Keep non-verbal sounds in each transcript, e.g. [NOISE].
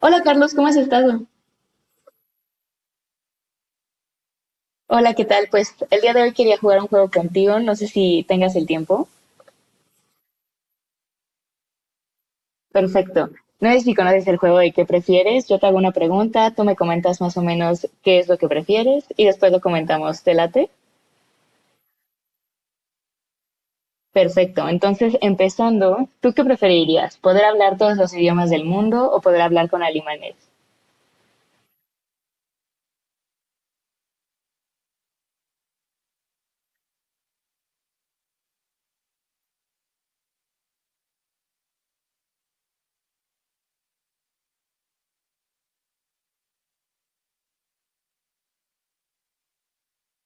Hola Carlos, ¿cómo has estado? Hola, ¿qué tal? Pues el día de hoy quería jugar un juego contigo, no sé si tengas el tiempo. Perfecto. No sé si conoces el juego de qué prefieres, yo te hago una pregunta, tú me comentas más o menos qué es lo que prefieres y después lo comentamos, ¿te late? Perfecto, entonces empezando, ¿tú qué preferirías? ¿Poder hablar todos los idiomas del mundo o poder hablar con alemanes?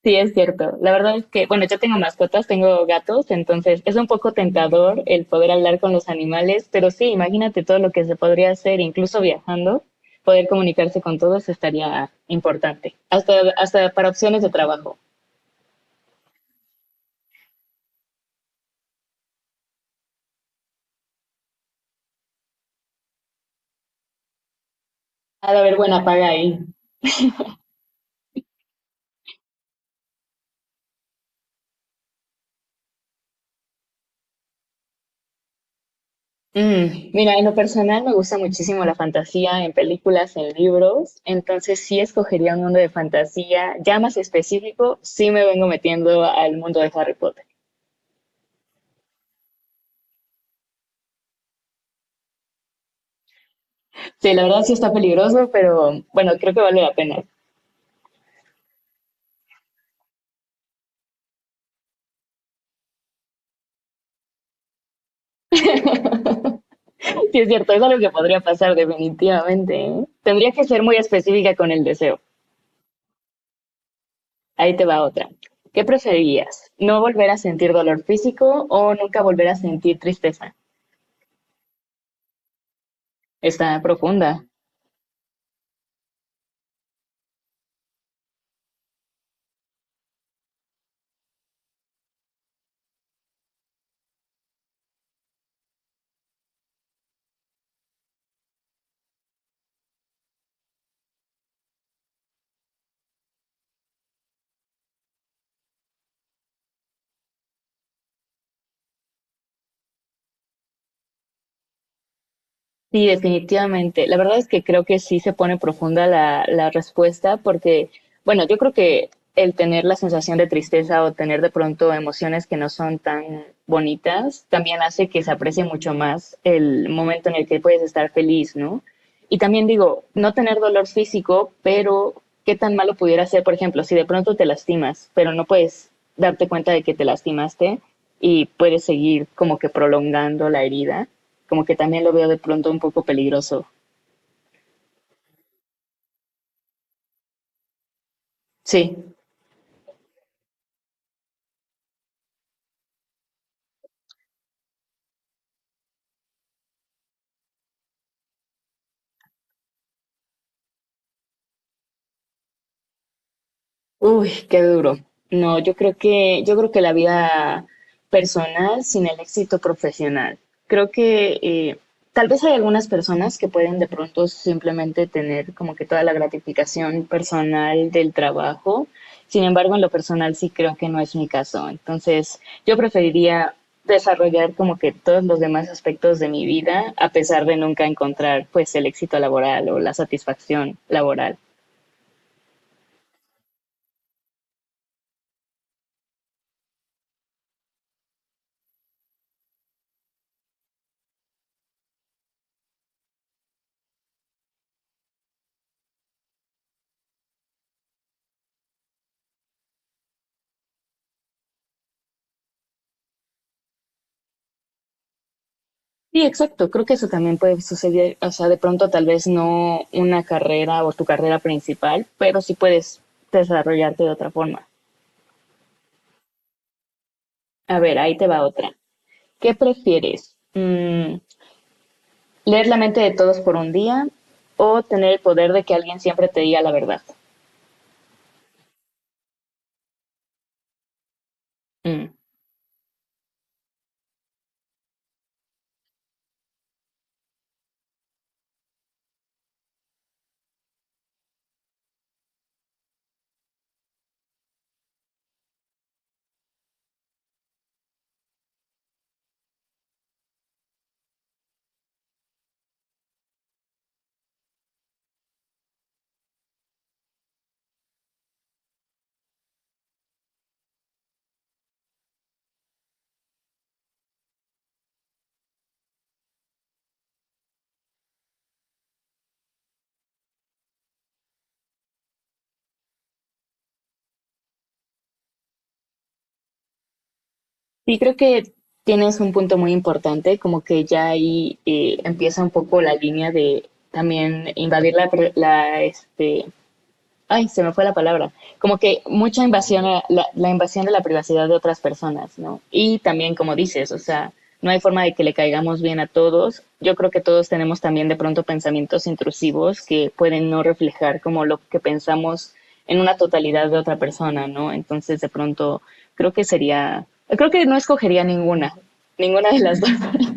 Sí, es cierto. La verdad es que, bueno, yo tengo mascotas, tengo gatos, entonces es un poco tentador el poder hablar con los animales, pero sí, imagínate todo lo que se podría hacer, incluso viajando, poder comunicarse con todos estaría importante, hasta para opciones de trabajo. Ha de haber buena paga ahí. Mira, en lo personal me gusta muchísimo la fantasía en películas, en libros, entonces sí escogería un mundo de fantasía, ya más específico, sí me vengo metiendo al mundo de Harry Potter. Sí, la verdad sí está peligroso, pero bueno, creo que vale la pena. Sí, es cierto, es algo que podría pasar definitivamente. ¿Eh? Tendría que ser muy específica con el deseo. Ahí te va otra. ¿Qué preferirías? ¿No volver a sentir dolor físico o nunca volver a sentir tristeza? Está profunda. Sí, definitivamente. La verdad es que creo que sí se pone profunda la respuesta porque, bueno, yo creo que el tener la sensación de tristeza o tener de pronto emociones que no son tan bonitas también hace que se aprecie mucho más el momento en el que puedes estar feliz, ¿no? Y también digo, no tener dolor físico, pero qué tan malo pudiera ser, por ejemplo, si de pronto te lastimas, pero no puedes darte cuenta de que te lastimaste y puedes seguir como que prolongando la herida como que también lo veo de pronto un poco peligroso. Sí. Uy, qué duro. No, yo creo que la vida personal sin el éxito profesional. Creo que tal vez hay algunas personas que pueden de pronto simplemente tener como que toda la gratificación personal del trabajo. Sin embargo, en lo personal sí creo que no es mi caso. Entonces, yo preferiría desarrollar como que todos los demás aspectos de mi vida a pesar de nunca encontrar pues el éxito laboral o la satisfacción laboral. Sí, exacto. Creo que eso también puede suceder. O sea, de pronto tal vez no una carrera o tu carrera principal, pero sí puedes desarrollarte de otra forma. A ver, ahí te va otra. ¿Qué prefieres? Mm, ¿leer la mente de todos por un día o tener el poder de que alguien siempre te diga la verdad? Mm. Sí, creo que tienes un punto muy importante, como que ya ahí empieza un poco la línea de también invadir la, este, ay, se me fue la palabra, como que mucha invasión, a la invasión de la privacidad de otras personas, ¿no? Y también, como dices, o sea, no hay forma de que le caigamos bien a todos. Yo creo que todos tenemos también de pronto pensamientos intrusivos que pueden no reflejar como lo que pensamos en una totalidad de otra persona, ¿no? Entonces, de pronto, creo que sería, creo que no escogería ninguna, ninguna de las dos. [LAUGHS]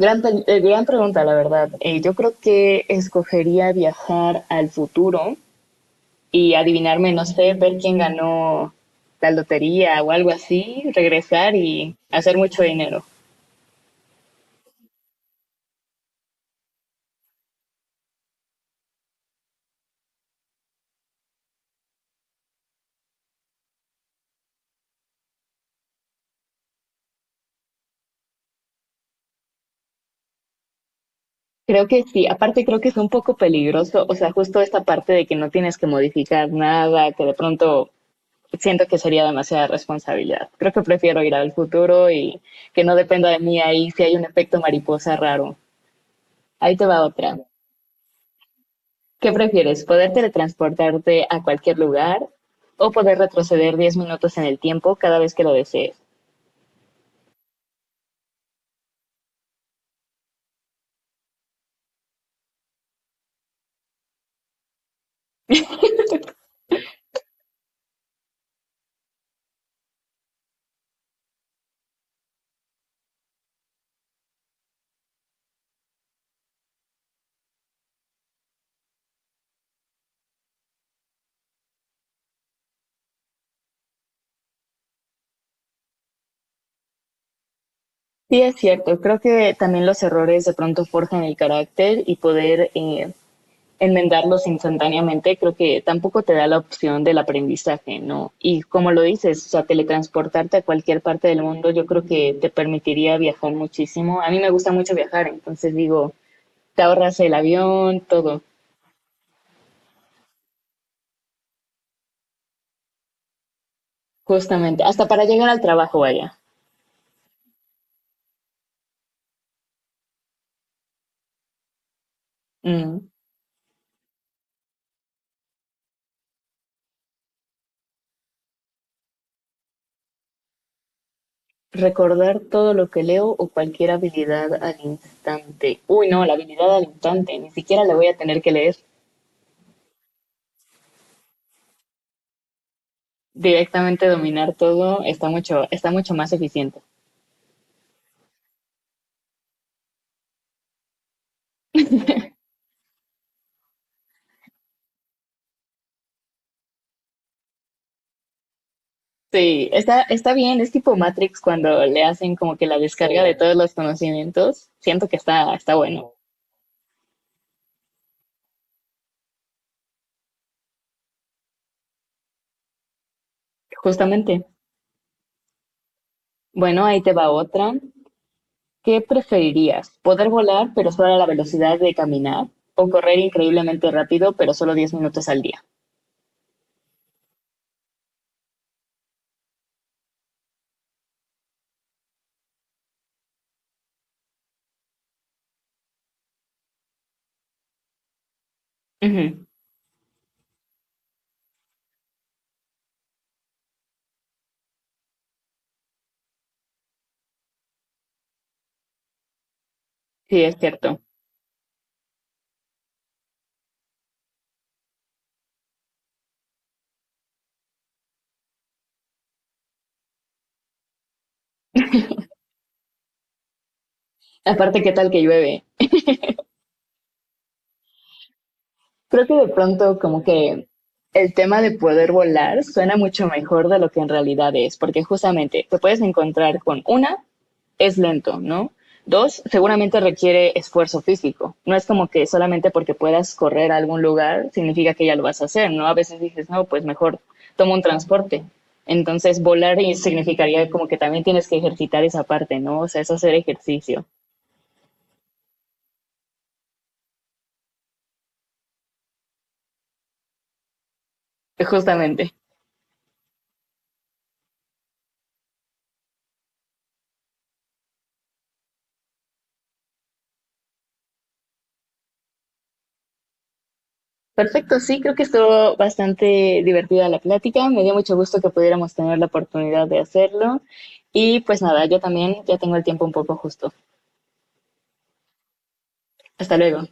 Gran, gran pregunta, la verdad. Yo creo que escogería viajar al futuro y adivinarme, no sé, ver quién ganó la lotería o algo así, regresar y hacer mucho dinero. Creo que sí, aparte creo que es un poco peligroso, o sea, justo esta parte de que no tienes que modificar nada, que de pronto siento que sería demasiada responsabilidad. Creo que prefiero ir al futuro y que no dependa de mí ahí si hay un efecto mariposa raro. Ahí te va otra. ¿Qué prefieres? ¿Poder teletransportarte a cualquier lugar o poder retroceder 10 minutos en el tiempo cada vez que lo desees? Sí, es cierto. Creo que también los errores de pronto forjan el carácter y poder enmendarlos instantáneamente, creo que tampoco te da la opción del aprendizaje, ¿no? Y como lo dices, o sea, teletransportarte a cualquier parte del mundo, yo creo que te permitiría viajar muchísimo. A mí me gusta mucho viajar, entonces digo, te ahorras el avión, todo, justamente, hasta para llegar al trabajo, vaya. Mm. Recordar todo lo que leo o cualquier habilidad al instante. Uy, no, la habilidad al instante, ni siquiera la voy a tener que leer. Directamente dominar todo está mucho más eficiente. Sí, está bien, es tipo Matrix cuando le hacen como que la descarga de todos los conocimientos. Siento que está bueno, justamente. Bueno, ahí te va otra. ¿Qué preferirías? ¿Poder volar pero solo a la velocidad de caminar? ¿O correr increíblemente rápido pero solo 10 minutos al día? Ujú. Sí, es cierto. Aparte, ¿qué tal que llueve? Creo que de pronto como que el tema de poder volar suena mucho mejor de lo que en realidad es, porque justamente te puedes encontrar con una, es lento, ¿no? Dos, seguramente requiere esfuerzo físico. No es como que solamente porque puedas correr a algún lugar significa que ya lo vas a hacer, ¿no? A veces dices, no, pues mejor tomo un transporte. Entonces, volar significaría como que también tienes que ejercitar esa parte, ¿no? O sea, es hacer ejercicio, justamente. Perfecto, sí, creo que estuvo bastante divertida la plática. Me dio mucho gusto que pudiéramos tener la oportunidad de hacerlo. Y pues nada, yo también ya tengo el tiempo un poco justo. Hasta luego.